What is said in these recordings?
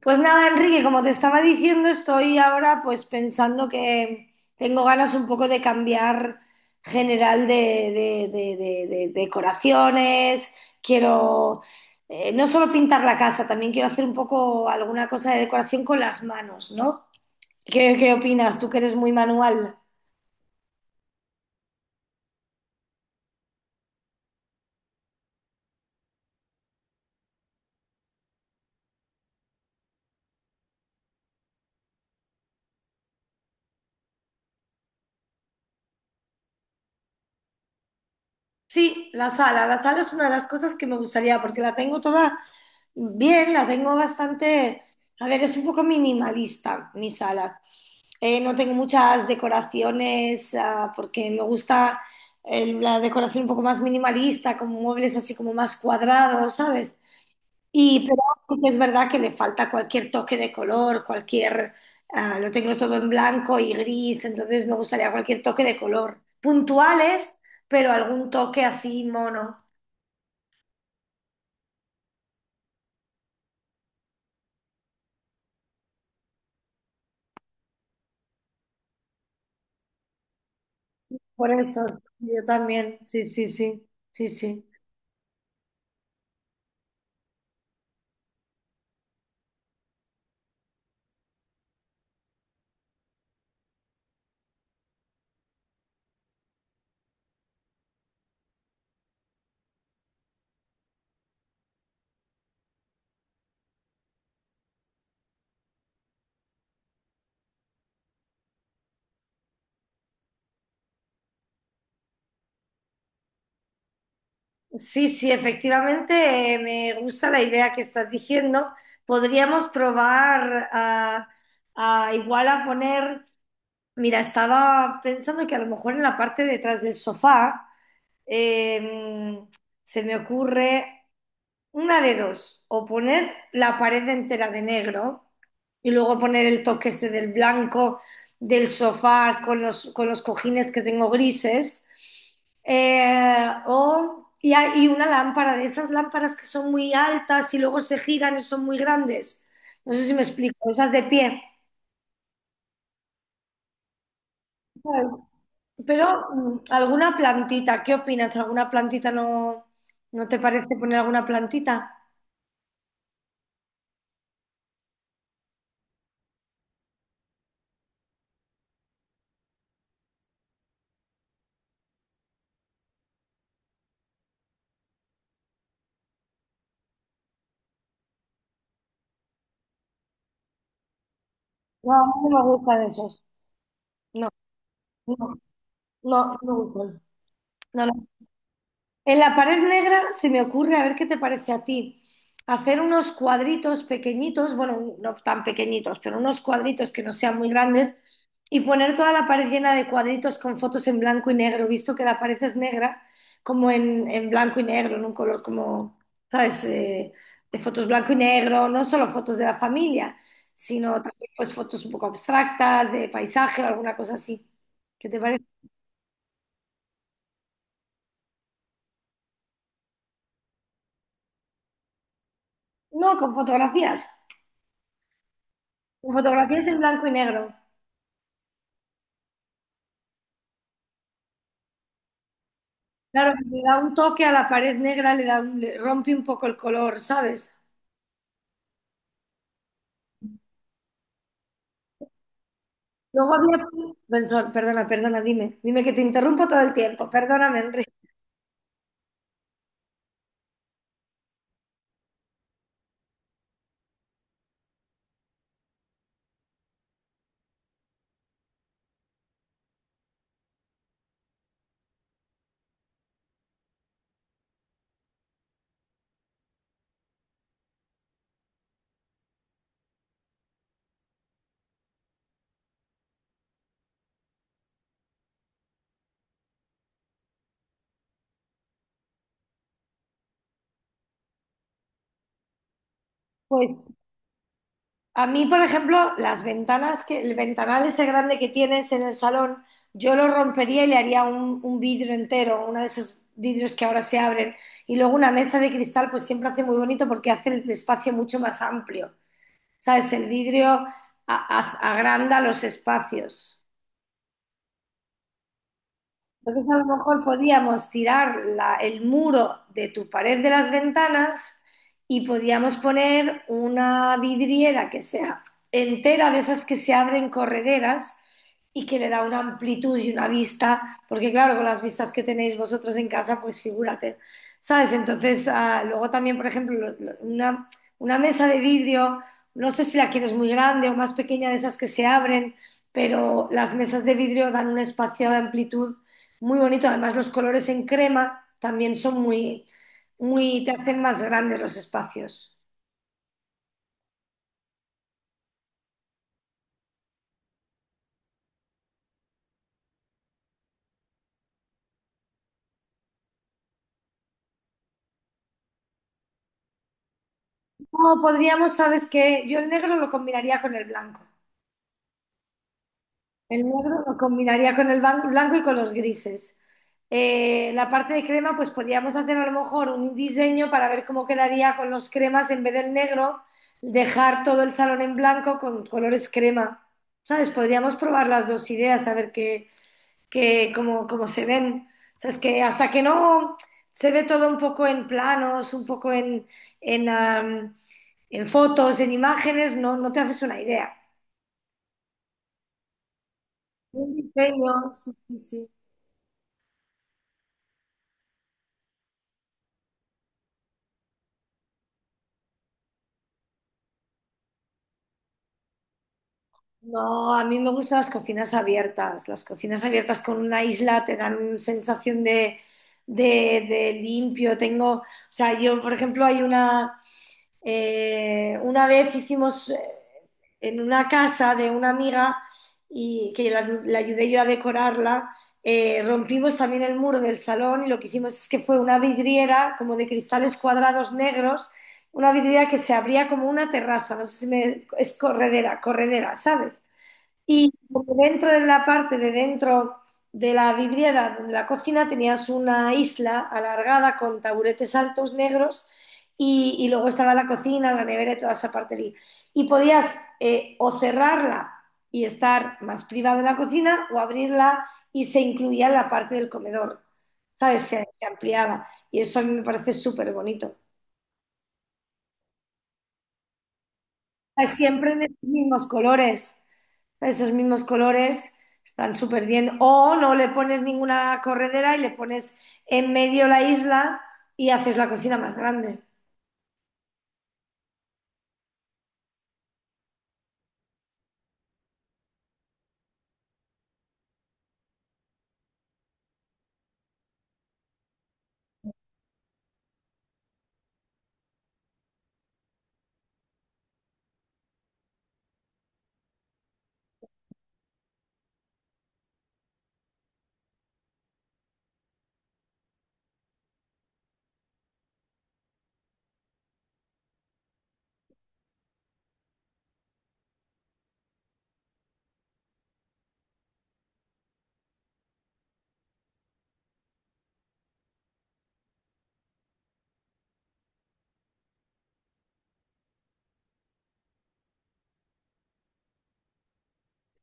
Pues nada, Enrique, como te estaba diciendo, estoy ahora pues pensando que tengo ganas un poco de cambiar general de, de decoraciones. Quiero no solo pintar la casa, también quiero hacer un poco alguna cosa de decoración con las manos, ¿no? ¿Qué opinas? Tú que eres muy manual. Sí, la sala es una de las cosas que me gustaría, porque la tengo toda bien, la tengo bastante, a ver, es un poco minimalista mi sala. No tengo muchas decoraciones porque me gusta la decoración un poco más minimalista, con muebles así como más cuadrados, ¿sabes? Y pero sí que es verdad que le falta cualquier toque de color, cualquier... lo tengo todo en blanco y gris, entonces me gustaría cualquier toque de color. Puntuales, pero algún toque así mono. Por eso, yo también, sí, sí, sí, sí, sí. Sí, sí, efectivamente, me gusta la idea que estás diciendo. Podríamos probar a igual a poner, mira, estaba pensando que a lo mejor en la parte detrás del sofá eh, se me ocurre una de dos, o poner la pared entera de negro y luego poner el toque ese del blanco del sofá con los cojines que tengo grises, y una lámpara de esas lámparas que son muy altas y luego se giran y son muy grandes. No sé si me explico, esas de pie. ¿Sabes? Pero alguna plantita, ¿qué opinas? ¿Alguna plantita no, no te parece poner alguna plantita? No, a mí no me gustan esos. No, no. No, no me gustan. No, no. En la pared negra se me ocurre, a ver qué te parece a ti, hacer unos cuadritos pequeñitos, bueno, no tan pequeñitos, pero unos cuadritos que no sean muy grandes, y poner toda la pared llena de cuadritos con fotos en blanco y negro, visto que la pared es negra, como en blanco y negro, en un color como, ¿sabes? De fotos blanco y negro, no solo fotos de la familia, sino también pues fotos un poco abstractas, de paisaje o alguna cosa así. ¿Qué te parece? No, con fotografías. La fotografía es en blanco y negro. Claro, si le da un toque a la pared negra, le, da un- le rompe un poco el color, ¿sabes? Luego había... Benson, perdona, perdona, dime. Dime que te interrumpo todo el tiempo. Perdóname, Enrique. Pues a mí, por ejemplo, las ventanas, que el ventanal ese grande que tienes en el salón, yo lo rompería y le haría un vidrio entero, uno de esos vidrios que ahora se abren. Y luego una mesa de cristal, pues siempre hace muy bonito porque hace el espacio mucho más amplio. ¿Sabes? El vidrio a- agranda los espacios. Entonces a lo mejor podíamos tirar la- el muro de tu pared de las ventanas y podíamos poner una vidriera que sea entera, de esas que se abren correderas, y que le da una amplitud y una vista, porque claro, con las vistas que tenéis vosotros en casa, pues figúrate, ¿sabes? Entonces, luego también, por ejemplo, lo- una mesa de vidrio, no sé si la quieres muy grande o más pequeña de esas que se abren, pero las mesas de vidrio dan un espacio de amplitud muy bonito. Además, los colores en crema también son muy, muy, te hacen más grandes los espacios. No, podríamos, ¿sabes qué? Yo el negro lo combinaría con el blanco. El negro lo combinaría con el ban- blanco y con los grises. La parte de crema, pues podríamos hacer a lo mejor un diseño para ver cómo quedaría con los cremas en vez del negro, dejar todo el salón en blanco con colores crema. ¿Sabes? Podríamos probar las dos ideas, a ver qué, que como, como se ven. O sea, es que hasta que no se ve todo un poco en planos, un poco en, en fotos, en imágenes, no, no te haces una idea. Un diseño, sí, sí, sí. No, a mí me gustan las cocinas abiertas. Las cocinas abiertas con una isla te dan una sensación de limpio. Tengo, o sea, yo, por ejemplo, hay una vez hicimos en una casa de una amiga y que la ayudé yo a decorarla, rompimos también el muro del salón, y lo que hicimos es que fue una vidriera como de cristales cuadrados negros, una vidriera que se abría como una terraza, no sé si me... es corredera, corredera, ¿sabes? Y porque dentro de la parte de dentro de la vidriera de la cocina tenías una isla alargada con taburetes altos negros, y luego estaba la cocina, la nevera y toda esa parte allí. Y podías o cerrarla y estar más privada de la cocina, o abrirla y se incluía la parte del comedor, ¿sabes? Se ampliaba y eso a mí me parece súper bonito. Siempre en los mismos colores. Esos mismos colores están súper bien. O no le pones ninguna corredera y le pones en medio la isla y haces la cocina más grande.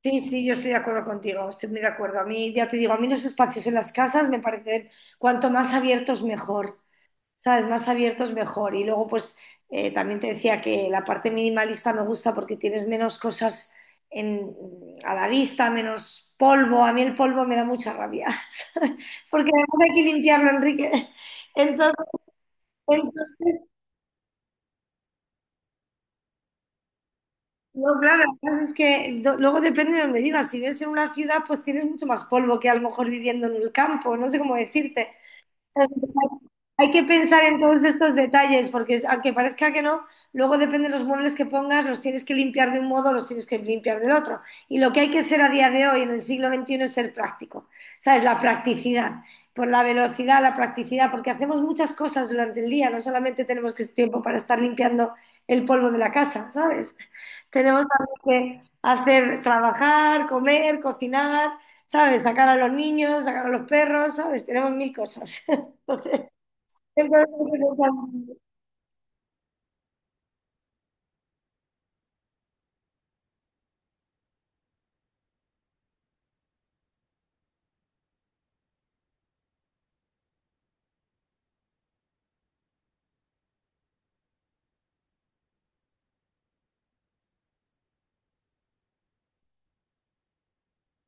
Sí, sí, yo estoy de acuerdo contigo, estoy muy de acuerdo. A mí, ya te digo, a mí los espacios en las casas me parecen cuanto más abiertos mejor. ¿Sabes? Más abiertos mejor. Y luego, pues, también te decía que la parte minimalista me gusta porque tienes menos cosas en- a la vista, menos polvo. A mí el polvo me da mucha rabia, ¿sabes? Porque además hay que limpiarlo, Enrique. Entonces, entonces, no, claro, la es que do- luego depende de dónde vivas. Si vives en una ciudad, pues tienes mucho más polvo que a lo mejor viviendo en el campo, no sé cómo decirte. Hay que pensar en todos estos detalles, porque es- aunque parezca que no, luego depende de los muebles que pongas, los tienes que limpiar de un modo, los tienes que limpiar del otro. Y lo que hay que ser a día de hoy, en el siglo XXI, es ser práctico. ¿Sabes? La practicidad, por la velocidad, la practicidad, porque hacemos muchas cosas durante el día, no solamente tenemos que tiempo para estar limpiando el polvo de la casa, ¿sabes? Tenemos también que hacer, trabajar, comer, cocinar, ¿sabes? Sacar a los niños, sacar a los perros, ¿sabes? Tenemos mil cosas. Entonces, entonces,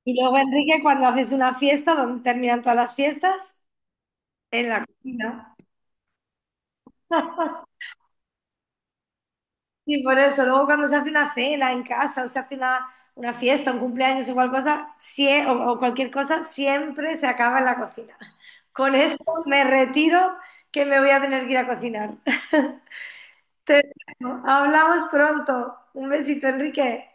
y luego, Enrique, cuando haces una fiesta, ¿dónde terminan todas las fiestas? En la cocina. Y por eso, luego cuando se hace una cena en casa, o se hace una fiesta, un cumpleaños, igual cosa, sie- o cualquier cosa, siempre se acaba en la cocina. Con esto me retiro, que me voy a tener que ir a cocinar. Te dejo. Hablamos pronto. Un besito, Enrique.